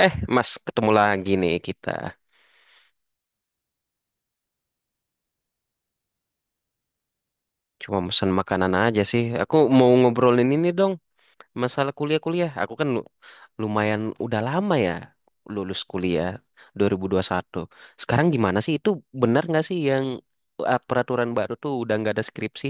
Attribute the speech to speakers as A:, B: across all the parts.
A: Eh, Mas, ketemu lagi nih kita. Cuma pesan makanan aja sih. Aku mau ngobrolin ini dong, masalah kuliah-kuliah. Lumayan udah lama ya lulus kuliah 2001. Sekarang gimana sih? Itu benar nggak sih yang peraturan baru tuh udah nggak ada skripsi?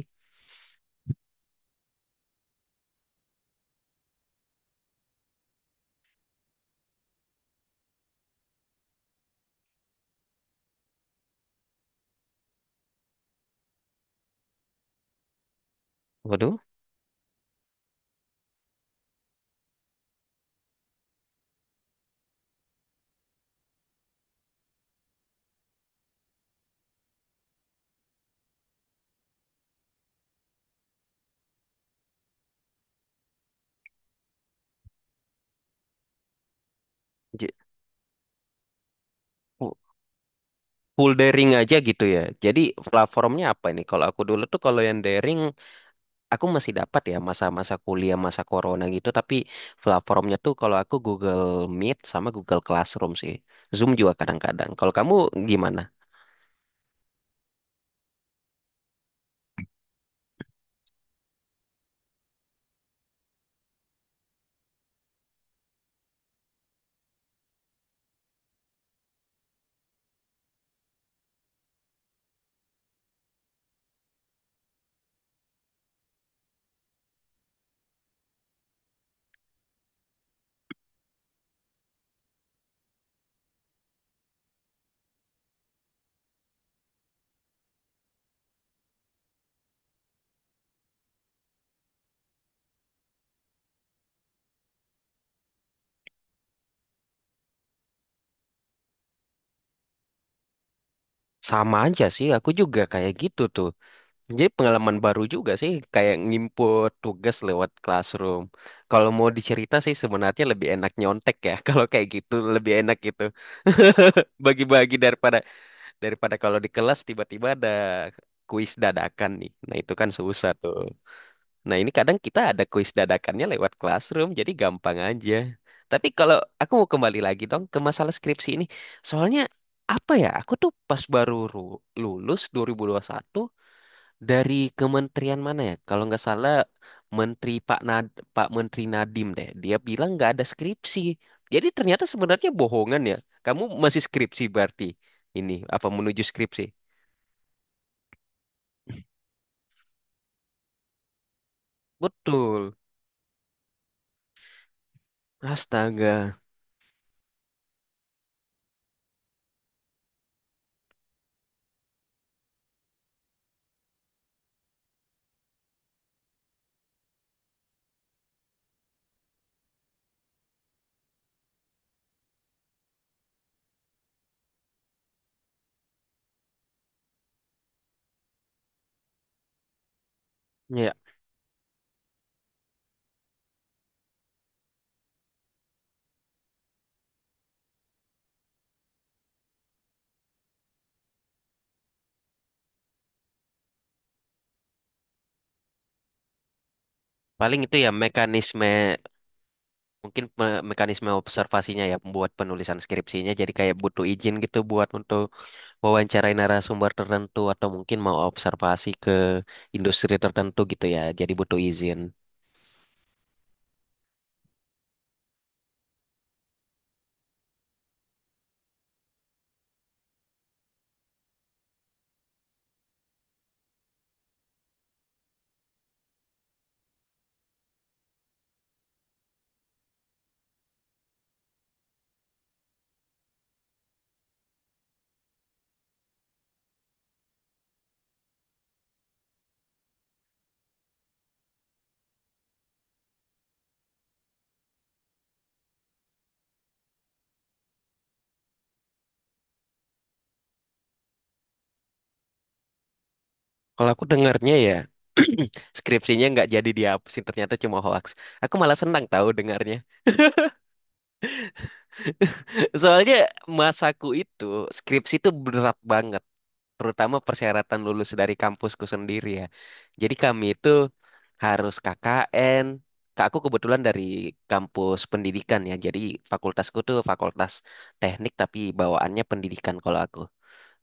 A: Waduh, j- fu- full daring aja gitu ya. Jadi platformnya apa ini? Kalau aku dulu tuh kalau yang daring aku masih dapat ya, masa-masa kuliah masa corona gitu, tapi platformnya tuh kalau aku Google Meet sama Google Classroom sih, Zoom juga kadang-kadang. Kalau kamu gimana? Sama aja sih, aku juga kayak gitu tuh. Jadi pengalaman baru juga sih kayak ngimput tugas lewat Classroom. Kalau mau dicerita sih sebenarnya lebih enak nyontek ya kalau kayak gitu lebih enak gitu, bagi-bagi. Daripada daripada kalau di kelas tiba-tiba ada kuis dadakan nih, nah itu kan susah tuh. Nah, ini kadang kita ada kuis dadakannya lewat classroom, jadi gampang aja. Tapi kalau aku mau kembali lagi dong ke masalah skripsi ini. Soalnya apa ya? Aku tuh pas baru ru- lulus 2021 dari kementerian mana ya? Kalau nggak salah Menteri Pak Nad Pak Menteri Nadiem deh. Dia bilang nggak ada skripsi. Jadi ternyata sebenarnya bohongan ya. Kamu masih skripsi berarti. Ini apa menuju skripsi? Betul. Astaga. Ya, paling itu ya mekanisme. Mekanisme observasinya ya, membuat penulisan skripsinya jadi kayak butuh izin gitu buat untuk wawancarai narasumber tertentu atau mungkin mau observasi ke industri tertentu gitu ya. Jadi butuh izin. Kalau aku dengarnya ya skripsinya nggak jadi dihapusin, ternyata cuma hoax. Aku malah senang tahu dengarnya. Soalnya masaku itu skripsi itu berat banget, terutama persyaratan lulus dari kampusku sendiri ya. Jadi kami itu harus KKN. Kak, aku kebetulan dari kampus pendidikan ya. Jadi fakultasku tuh fakultas teknik tapi bawaannya pendidikan kalau aku.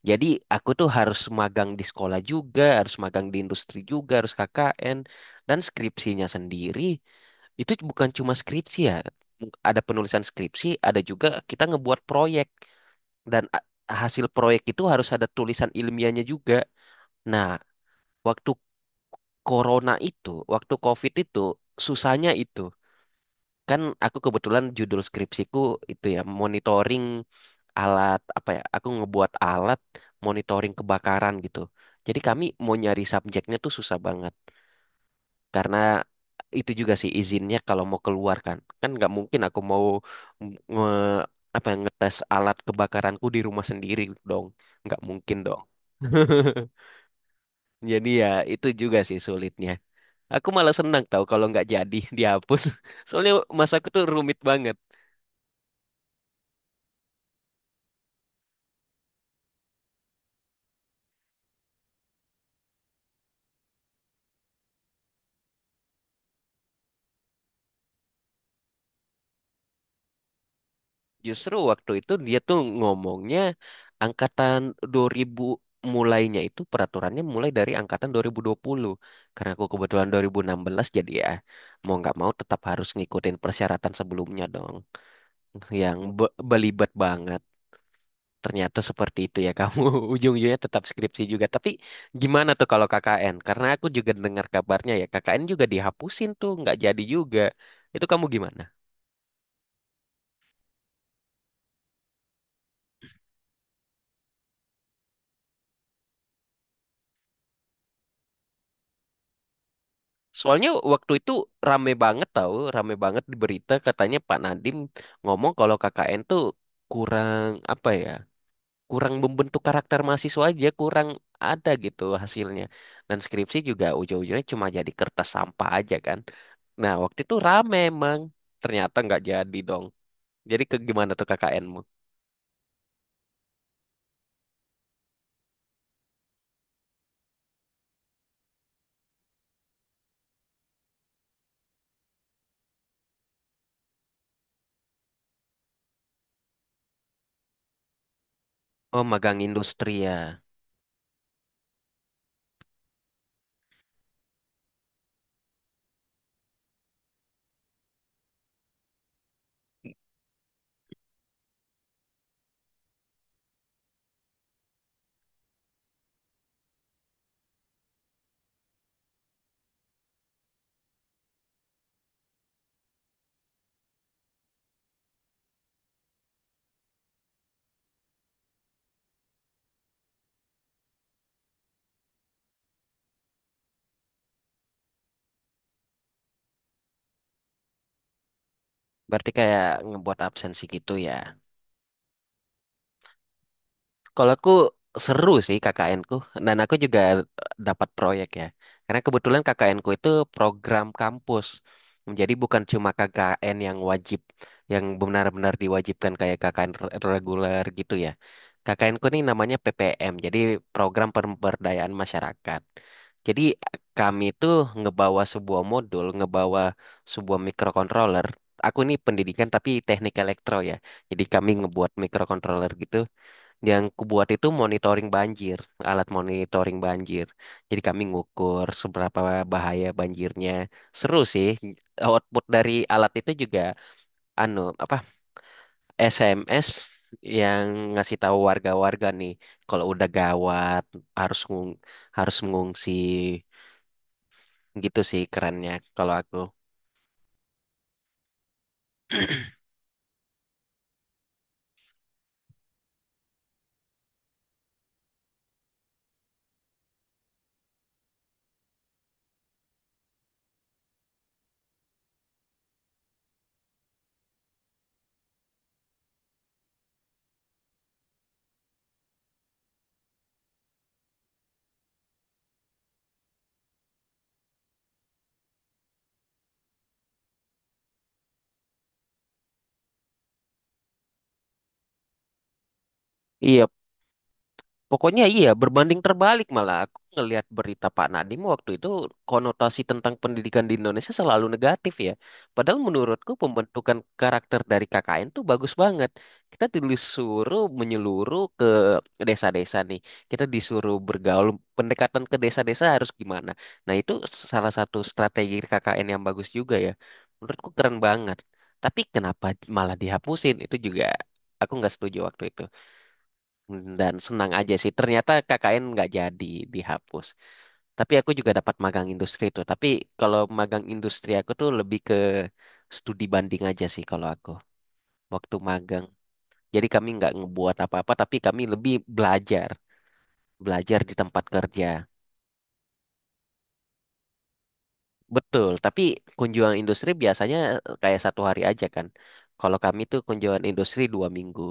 A: Jadi aku tuh harus magang di sekolah juga, harus magang di industri juga, harus KKN dan skripsinya sendiri. Itu bukan cuma skripsi ya. Ada penulisan skripsi, ada juga kita ngebuat proyek dan a- hasil proyek itu harus ada tulisan ilmiahnya juga. Nah, waktu corona itu, waktu COVID itu, susahnya itu. Kan aku kebetulan judul skripsiku itu ya monitoring alat, apa ya, aku ngebuat alat monitoring kebakaran gitu. Jadi kami mau nyari subjeknya tuh susah banget, karena itu juga sih izinnya. Kalau mau keluar kan kan nggak mungkin aku mau nge ngetes alat kebakaranku di rumah sendiri dong, nggak mungkin dong. Jadi ya, itu juga sih sulitnya. Aku malah senang tau kalau nggak jadi dihapus soalnya masa aku tuh rumit banget. Justru waktu itu dia tuh ngomongnya angkatan 2000, mulainya itu peraturannya mulai dari angkatan 2020. Karena aku kebetulan 2016, jadi ya mau nggak mau tetap harus ngikutin persyaratan sebelumnya dong. Belibet banget. Ternyata seperti itu ya kamu ujung-ujungnya tetap skripsi juga. Tapi gimana tuh kalau KKN? Karena aku juga dengar kabarnya ya KKN juga dihapusin, tuh nggak jadi juga. Itu kamu gimana? Soalnya waktu itu rame banget tahu, rame banget di berita katanya Pak Nadiem ngomong kalau KKN tuh kurang apa ya, kurang membentuk karakter mahasiswa aja, kurang ada gitu hasilnya. Dan skripsi juga ujung-ujungnya cuma jadi kertas sampah aja kan. Nah waktu itu rame emang, ternyata nggak jadi dong. Jadi ke gimana tuh KKN-mu? Oh, magang industri ya, berarti kayak ngebuat absensi gitu ya. Kalau aku seru sih KKN ku, dan aku juga dapat proyek ya. Karena kebetulan KKN ku itu program kampus. Jadi bukan cuma KKN yang wajib, yang benar-benar diwajibkan kayak reguler gitu ya. KKN ku ini namanya PPM, jadi program pemberdayaan masyarakat. Jadi kami itu ngebawa sebuah modul, ngebawa sebuah microcontroller. Aku ini pendidikan tapi teknik elektro ya. Jadi kami ngebuat microcontroller gitu. Yang kubuat itu monitoring banjir, alat monitoring banjir. Jadi kami ngukur seberapa bahaya banjirnya. Seru sih. Output dari alat itu juga, anu apa, SMS yang ngasih tahu warga-warga nih kalau udah gawat harus harus mengungsi, gitu sih kerennya kalau aku. Iya, pokoknya iya, berbanding terbalik malah. Aku ngelihat berita Pak Nadiem waktu itu, konotasi tentang pendidikan di Indonesia selalu negatif ya. Padahal menurutku pembentukan karakter dari KKN tuh bagus banget. Kita disuruh menyeluruh ke desa-desa nih. Kita disuruh bergaul, pendekatan ke desa-desa harus gimana. Nah itu salah satu strategi KKN yang bagus juga ya. Menurutku keren banget. Tapi kenapa malah dihapusin? Itu juga aku nggak setuju waktu itu. Dan senang aja sih. Ternyata KKN nggak jadi dihapus. Tapi aku juga dapat magang industri tuh. Tapi kalau magang industri aku tuh lebih ke studi banding aja sih kalau aku. Waktu magang. Jadi kami nggak ngebuat apa-apa, tapi kami lebih belajar. Belajar di tempat kerja. Betul, tapi kunjungan industri biasanya kayak satu hari aja kan. Kalau kami tuh kunjungan industri 2 minggu.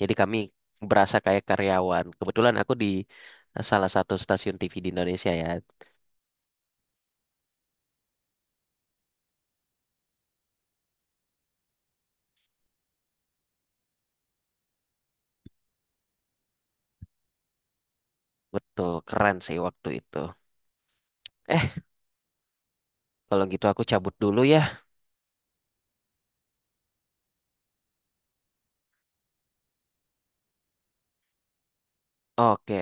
A: Jadi kami berasa kayak karyawan. Kebetulan aku di salah satu stasiun TV di Indonesia ya. Betul, keren sih waktu itu. Eh, Kalau gitu aku cabut dulu ya. Oke.